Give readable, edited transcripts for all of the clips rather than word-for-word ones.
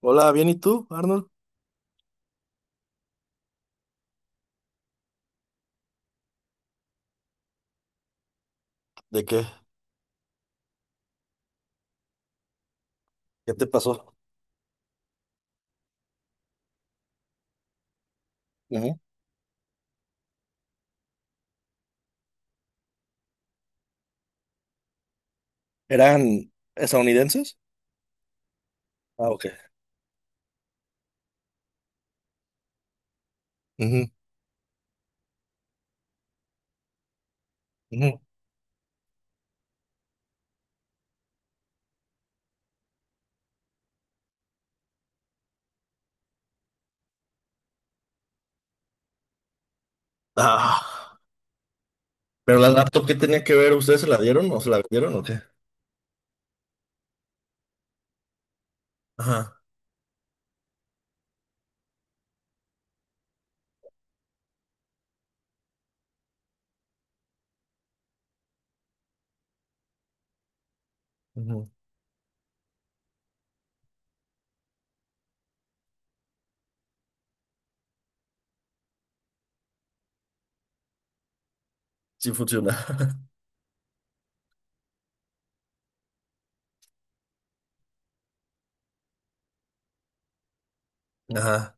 Hola, bien, ¿y tú, Arnold? ¿De qué? ¿Qué te pasó? Ujú. ¿Eran estadounidenses? Ah, ok. Ujú, ujú. Ah, pero la laptop, ¿qué tenía que ver? ¿Ustedes se la dieron o se la vendieron o qué? Ajá. Ujú. Sí funciona. Ajá.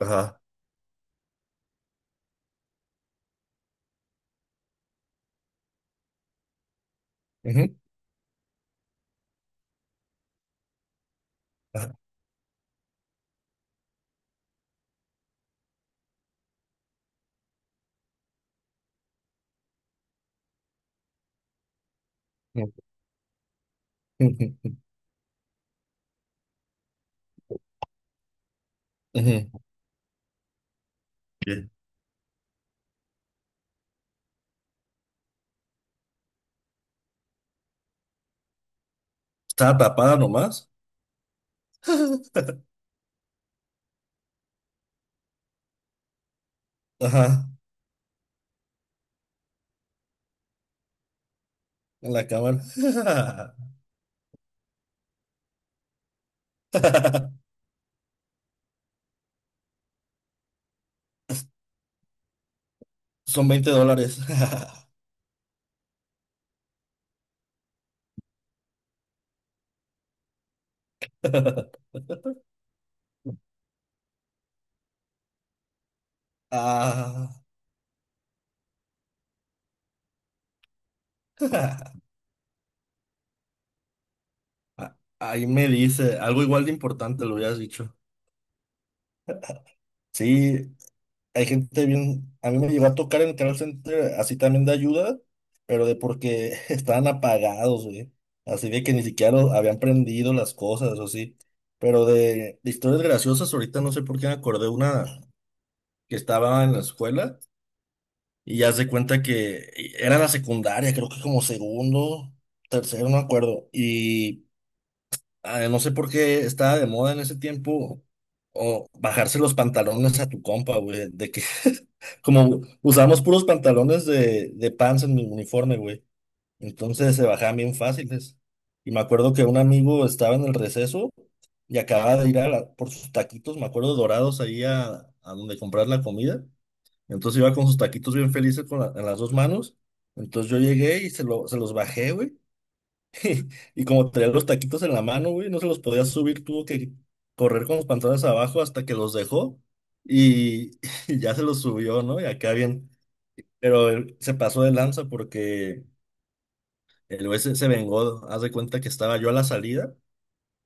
Ajá. Ujú, ajá, ujú, ujú. ¿Qué? ¿Estaba tapada nomás? Ajá. En la cámara. Son $20. Ah. Ah, ahí me dice, algo igual de importante lo hubieras dicho. Sí, hay gente bien, a mí me llegó a tocar en el call center así también de ayuda, pero de porque estaban apagados, güey. Así de que ni siquiera habían prendido las cosas, o sí. Pero de historias graciosas, ahorita no sé por qué me acordé una que estaba en la escuela y ya se cuenta que era la secundaria, creo que como segundo, tercero, no me acuerdo. Y no sé por qué estaba de moda en ese tiempo o bajarse los pantalones a tu compa, güey, de que como usamos puros pantalones de pants en mi uniforme, güey, entonces se bajaban bien fáciles. Y me acuerdo que un amigo estaba en el receso y acababa de ir a por sus taquitos, me acuerdo, dorados ahí a donde comprar la comida. Entonces iba con sus taquitos bien felices con en las dos manos. Entonces yo llegué y se los bajé, güey. Y como traía los taquitos en la mano, güey, no se los podía subir, tuvo que correr con los pantalones abajo hasta que los dejó y, y ya se los subió, ¿no? Y acá bien, pero él se pasó de lanza porque el güey se vengó, haz de cuenta que estaba yo a la salida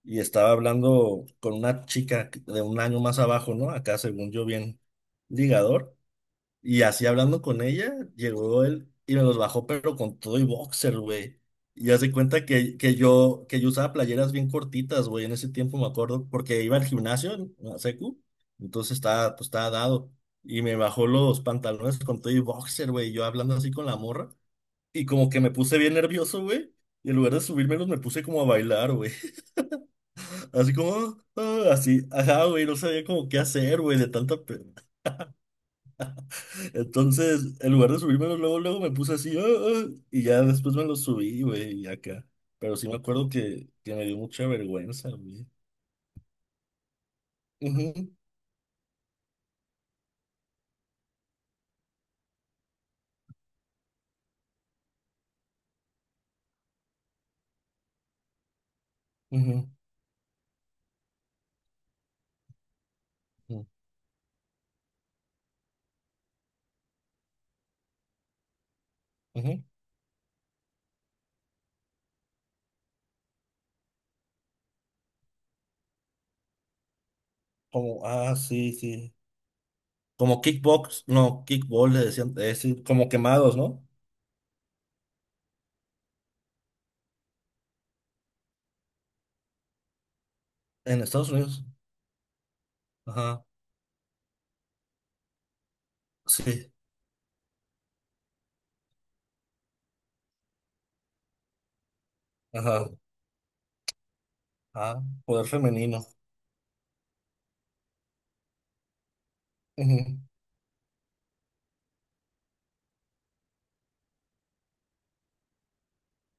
y estaba hablando con una chica de un año más abajo, ¿no? Acá según yo bien ligador. Y así hablando con ella, llegó él y me los bajó, pero con todo y boxer, güey. Y hace cuenta que yo usaba playeras bien cortitas, güey, en ese tiempo me acuerdo, porque iba al gimnasio, a secu, entonces estaba, pues estaba dado. Y me bajó los pantalones con todo y boxer, güey, y yo hablando así con la morra. Y como que me puse bien nervioso, güey. Y en lugar de subírmelos, me puse como a bailar, güey. Así como, así, ajá, güey, no sabía como qué hacer, güey, de tanta. Entonces, en lugar de subírmelos luego, luego me puse así, "Ah, ah", y ya después me los subí, güey, y acá. Pero sí me acuerdo que me dio mucha vergüenza, güey. Ujú, ujú, ujú, ujú. Como, ah, sí, sí. Como kickbox, no, kickball le decían, sí, como quemados, ¿no? En Estados Unidos. Ajá, sí, ajá, ah, poder femenino. Ujú,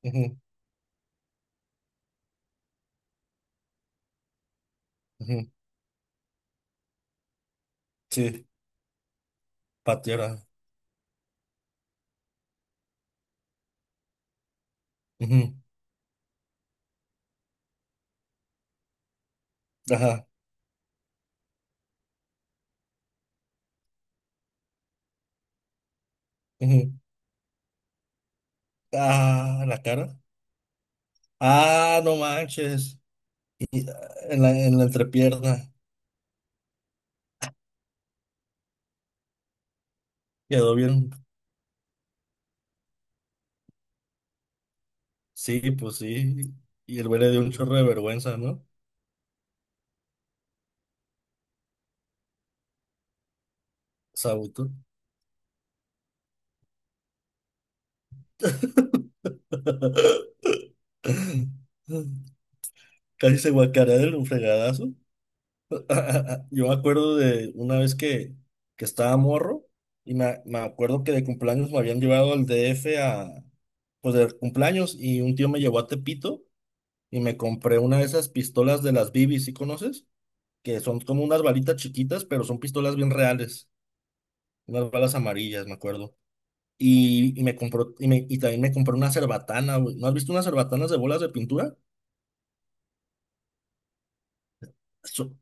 ujú, ujú. Sí, patera. Ujú, ajá, ujú. Ah, la cara. Ah, no manches. Y, en la entrepierna. Quedó bien. Sí, pues sí. Y el güey le dio un chorro de vergüenza, ¿no? Sabuto. Casi se guacarea de un fregadazo. Yo me acuerdo de una vez que estaba morro y me acuerdo que de cumpleaños me habían llevado al DF pues de cumpleaños y un tío me llevó a Tepito y me compré una de esas pistolas de las BB, ¿sí conoces? Que son como unas balitas chiquitas, pero son pistolas bien reales. Unas balas amarillas, me acuerdo. Y me compró, y también me compró una cerbatana, güey. ¿No has visto unas cerbatanas de bolas de pintura? So-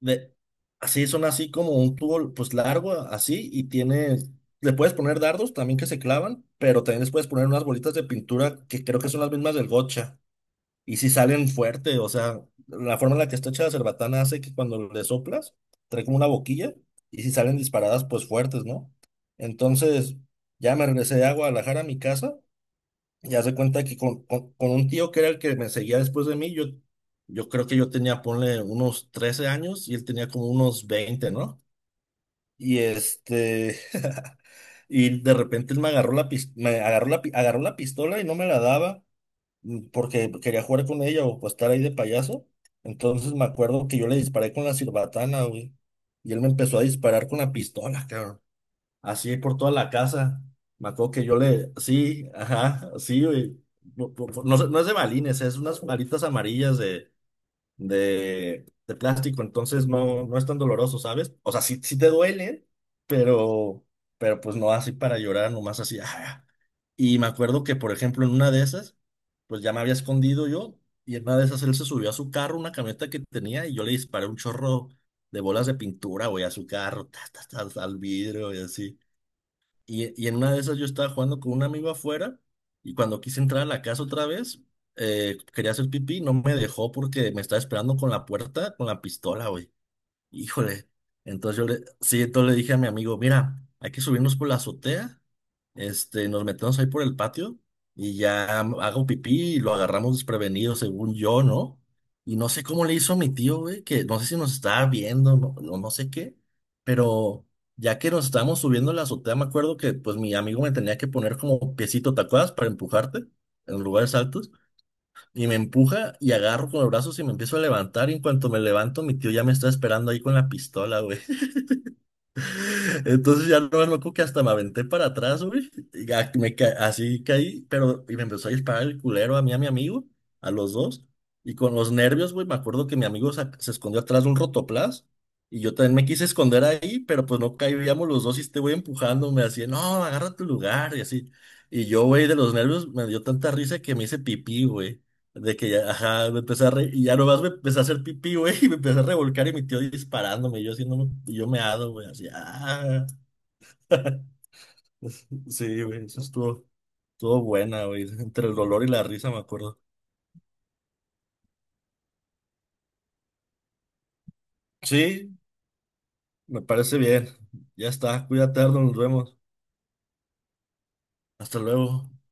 de, Así son así como un tubo, pues largo, así, y tiene, le puedes poner dardos también que se clavan, pero también les puedes poner unas bolitas de pintura que creo que son las mismas del gocha. Y si salen fuerte, o sea, la forma en la que está hecha la cerbatana hace que cuando le soplas, trae como una boquilla, y si salen disparadas, pues fuertes, ¿no? Entonces, ya me regresé a Guadalajara a mi casa. Ya se cuenta que con un tío que era el que me seguía después de mí, yo creo que yo tenía, ponle, unos 13 años y él tenía como unos 20, ¿no? Y y de repente él me agarró la, pis- me agarró la, pi- agarró la pistola y no me la daba, porque quería jugar con ella o pues, estar ahí de payaso. Entonces me acuerdo que yo le disparé con la sirbatana, güey. Y él me empezó a disparar con la pistola, cabrón. Así por toda la casa. Me acuerdo que yo le. Sí, ajá, sí, güey. No es no de balines, es unas varitas amarillas de plástico, entonces no es tan doloroso, ¿sabes? O sea, sí, sí te duele, pero, pues no así para llorar, nomás así. Ah. Y me acuerdo que, por ejemplo, en una de esas, pues ya me había escondido yo, y en una de esas él se subió a su carro, una camioneta que tenía, y yo le disparé un chorro de bolas de pintura, güey, a su carro, ta, ta, ta, al vidrio y así. Y en una de esas yo estaba jugando con un amigo afuera y cuando quise entrar a la casa otra vez, quería hacer pipí, no me dejó porque me estaba esperando con la puerta, con la pistola, güey. Híjole. Entonces sí, entonces le dije a mi amigo, mira, hay que subirnos por la azotea, nos metemos ahí por el patio y ya hago pipí y lo agarramos desprevenido, según yo, ¿no? Y no sé cómo le hizo a mi tío, güey, que no sé si nos estaba viendo, no sé qué, pero ya que nos estábamos subiendo a la azotea, me acuerdo que pues mi amigo me tenía que poner como piecito, ¿te acuerdas? Para empujarte en lugares altos. Y me empuja y agarro con los brazos y me empiezo a levantar. Y en cuanto me levanto, mi tío ya me está esperando ahí con la pistola, güey. Entonces ya no me acuerdo que hasta me aventé para atrás, güey. Y ya así caí, pero y me empezó a disparar el culero a mí, a mi amigo, a los dos. Y con los nervios, güey, me acuerdo que mi amigo se escondió atrás de un rotoplas. Y yo también me quise esconder ahí, pero pues no caíamos los dos y este güey empujándome así, no, agarra tu lugar y así. Y yo, güey, de los nervios me dio tanta risa que me hice pipí, güey. De que ya, ajá, me empecé a re- y ya nomás me empecé a hacer pipí, güey, y me empecé a revolcar y mi tío disparándome, y yo haciéndome, y yo meado, güey, así, ah. Sí, güey, eso estuvo, buena, güey, entre el dolor y la risa, me acuerdo. Sí, me parece bien. Ya está, cuídate, Arnold, nos vemos. Hasta luego.